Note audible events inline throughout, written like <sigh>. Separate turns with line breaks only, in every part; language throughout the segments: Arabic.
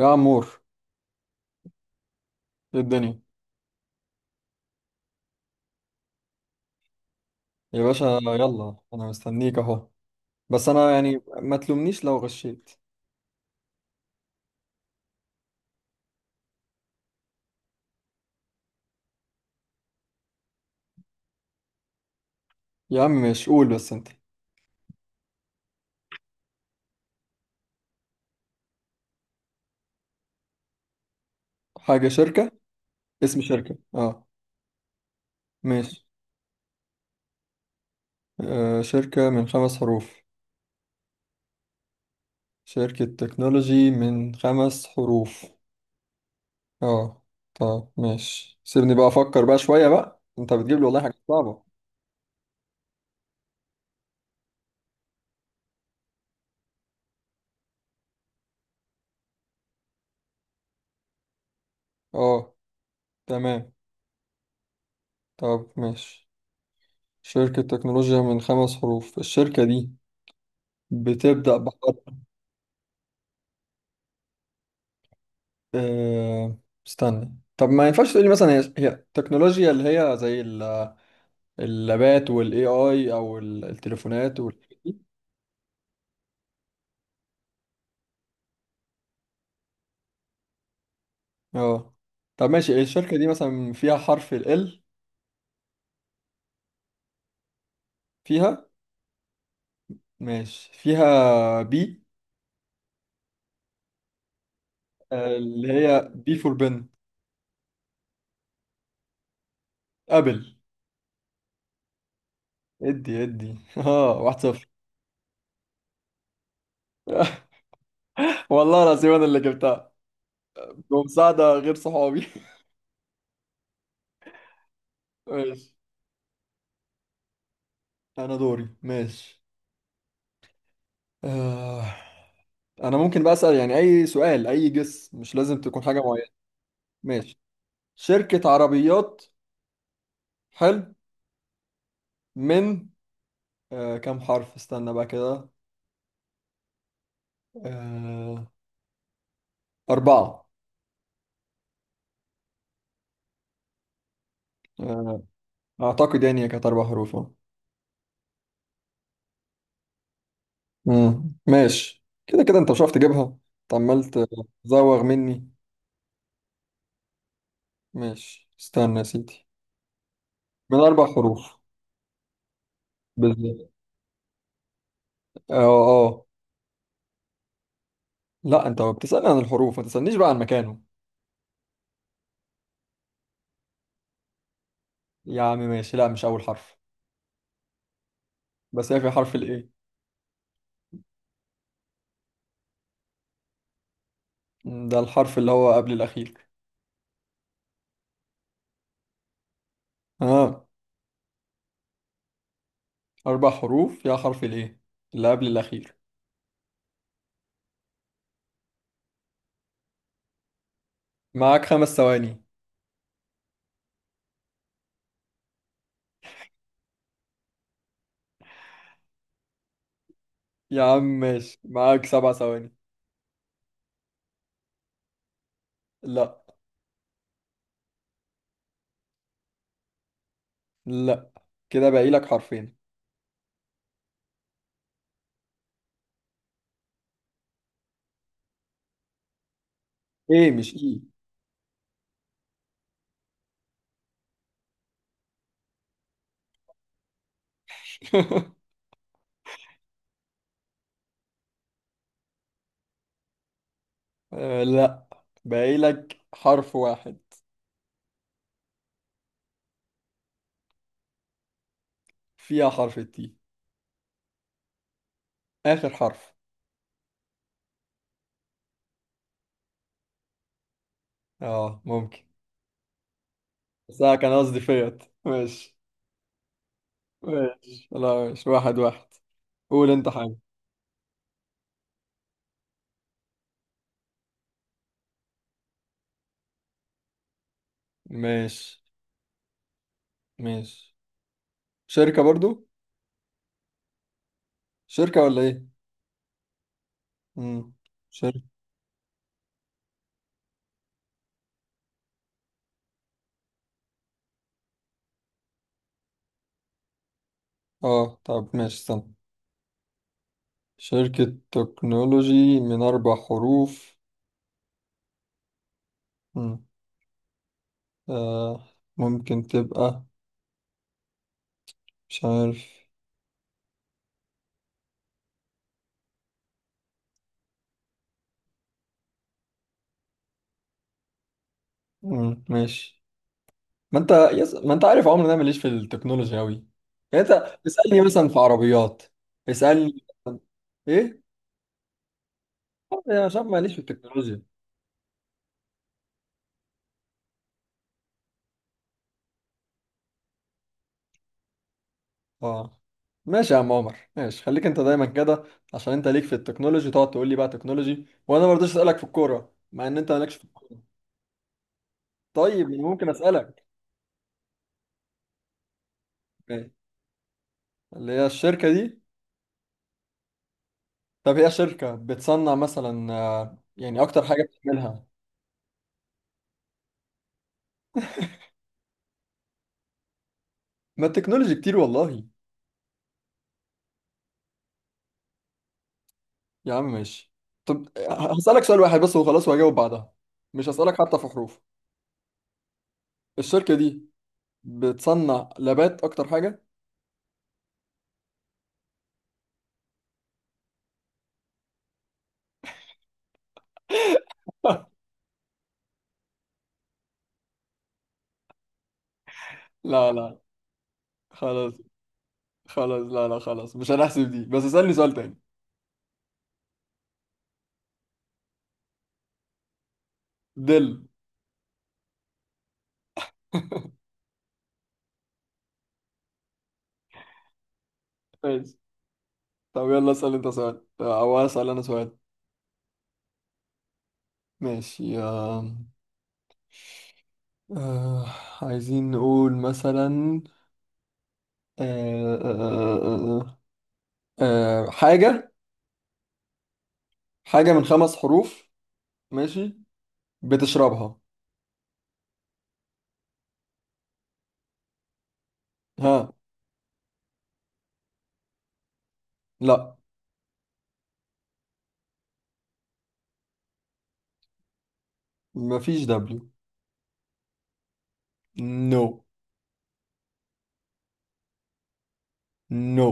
يا عمور، ايه الدنيا؟ يا باشا يلا انا مستنيك اهو. بس انا يعني ما تلومنيش لو غشيت. يا عم ماشي قول بس انت. حاجة شركة. اسم شركة. اه ماشي. آه شركة من خمس حروف. شركة تكنولوجي من خمس حروف. اه. طب ماشي سيبني بقى افكر بقى شوية بقى، انت بتجيب لي والله حاجة صعبة. اه تمام. طب ماشي، شركة تكنولوجيا من خمس حروف. الشركة دي بتبدأ بحرف أه... استنى. طب ما ينفعش تقولي مثلا هي التكنولوجيا اللي هي زي اللابات والاي اي او التليفونات وال. اه طب ماشي، الشركة دي مثلا فيها حرف ال L؟ فيها. ماشي فيها بي؟ اللي هي بي فور بن. ابل. ادي ادي <laughs> اه واحد صفر. <laughs> والله العظيم انا اللي جبتها بمساعدة غير صحابي. <laughs> ماشي. انا دوري ماشي. آه. انا ممكن بقى اسال يعني اي سؤال، اي جس مش لازم تكون حاجه معينه. ماشي. شركه عربيات. حلو. من آه كم حرف استنى بقى كده. آه اربعه. آه اعتقد يعني هي كانت اربع حروف آه. مم. ماشي، كده كده انت مش عارف تجيبها. انت عمال تزوغ مني. ماشي استنى يا سيدي. من اربع حروف. بالظبط. اه اه. لا انت بتسالني عن الحروف، ما تسالنيش بقى عن مكانه. يا عم ماشي، لا مش اول حرف. بس هي في حرف الايه. ده الحرف اللي هو قبل الأخير. ها. أربع حروف، يا حرف الإيه اللي قبل الأخير. معاك خمس ثواني. يا عم ماشي، معاك سبع ثواني. لا لا. كده باقي لك حرفين. إيه مش إيه. <laughs> آه، لا. باقي لك حرف واحد. فيها حرف التي. آخر حرف. آه ممكن. بس أنا كان قصدي فيت. ماشي ماشي، لا ماشي واحد واحد. قول أنت حاجة. ماشي ماشي. شركة برضو؟ شركة ولا إيه؟ مم. شركة. اه طب ماشي استنى. شركة تكنولوجي من أربع حروف. مم. آه. ممكن تبقى، مش عارف. مم. ماشي، ما انت ما انت عارف عمري إن انا ماليش في التكنولوجي أوي. يعني انت اسألني مثلا في عربيات. اسألني ايه. آه، يا عشان ماليش في التكنولوجيا. اه ماشي يا عم عمر، ماشي، خليك انت دايما كده. عشان انت ليك في التكنولوجي تقعد تقول لي بقى تكنولوجي، وانا ما رضيتش اسألك في الكورة مع ان انت مالكش في الكورة. طيب أنا ممكن اسألك؟ أوكي. اللي هي الشركة دي. طب هي شركة بتصنع مثلا آه، يعني أكتر حاجة بتعملها؟ ما التكنولوجي كتير والله. يا عم ماشي. طب آه، هسألك سؤال واحد بس وخلاص وهجاوب بعدها. مش هسألك حتى في حروف. الشركة دي بتصنع لابات أكتر حاجة؟ <laughs> لا لا. خلاص. خلاص لا لا، خلاص مش هنحسب دي، بس اسألني سؤال تاني. دل. ماشي. طب يلا اسأل أنت سؤال آه، أو أسأل أنا سؤال. ماشي آه، آه، عايزين نقول مثلا آه، آه، آه، آه، آه، حاجة. حاجة من خمس حروف. ماشي. بتشربها. ها. لا. مفيش دبليو. نو. نو.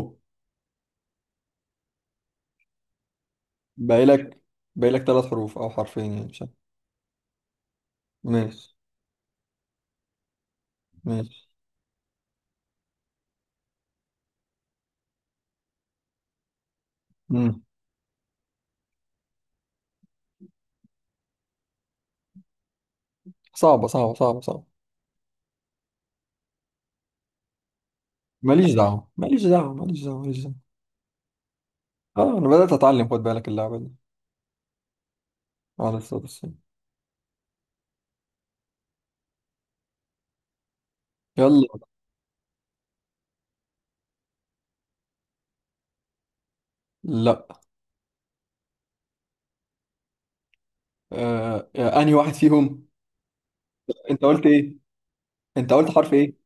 باقي لك، باقي لك ثلاث حروف او حرفين يعني مش عارف. ماشي ماشي. مم. صعبة صعبة صعبة صعبة. ماليش دعوة، ماليش دعوة، ماليش دعوة، ماليش دعوة. اه انا بدأت اتعلم خد بالك اللعبة دي. على الصوت الصين. يلا. لا. آه آه، انهي واحد فيهم؟ انت قلت ايه؟ انت قلت حرف ايه؟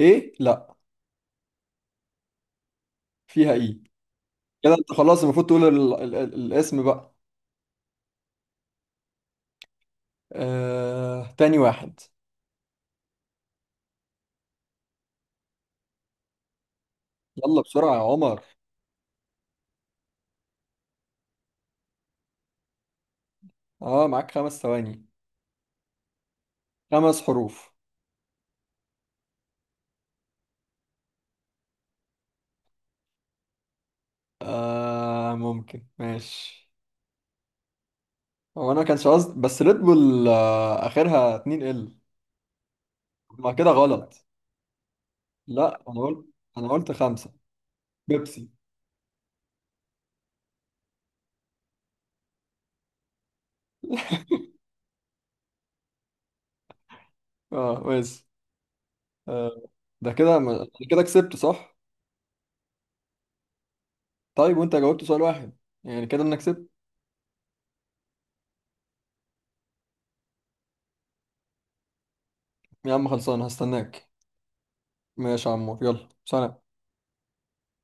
ايه. لا. فيها ايه. كده انت خلاص المفروض تقول الاسم بقى. آه... تاني واحد. يلا بسرعة يا عمر. اه معاك خمس ثواني. خمس حروف. آه... ممكن ماشي. هو انا ما كانش قصدي، بس ريد بول آه... اخرها 2 ال. ما كده غلط. لا انا قلت، انا قلت خمسة. بيبسي. <laughs> اه ماشي آه، ده كده أنا كده كسبت صح؟ طيب وانت جاوبت سؤال واحد. يعني كده انك كسبت. يا عم خلصان، هستناك. ماشي يا عمور، يلا سلام.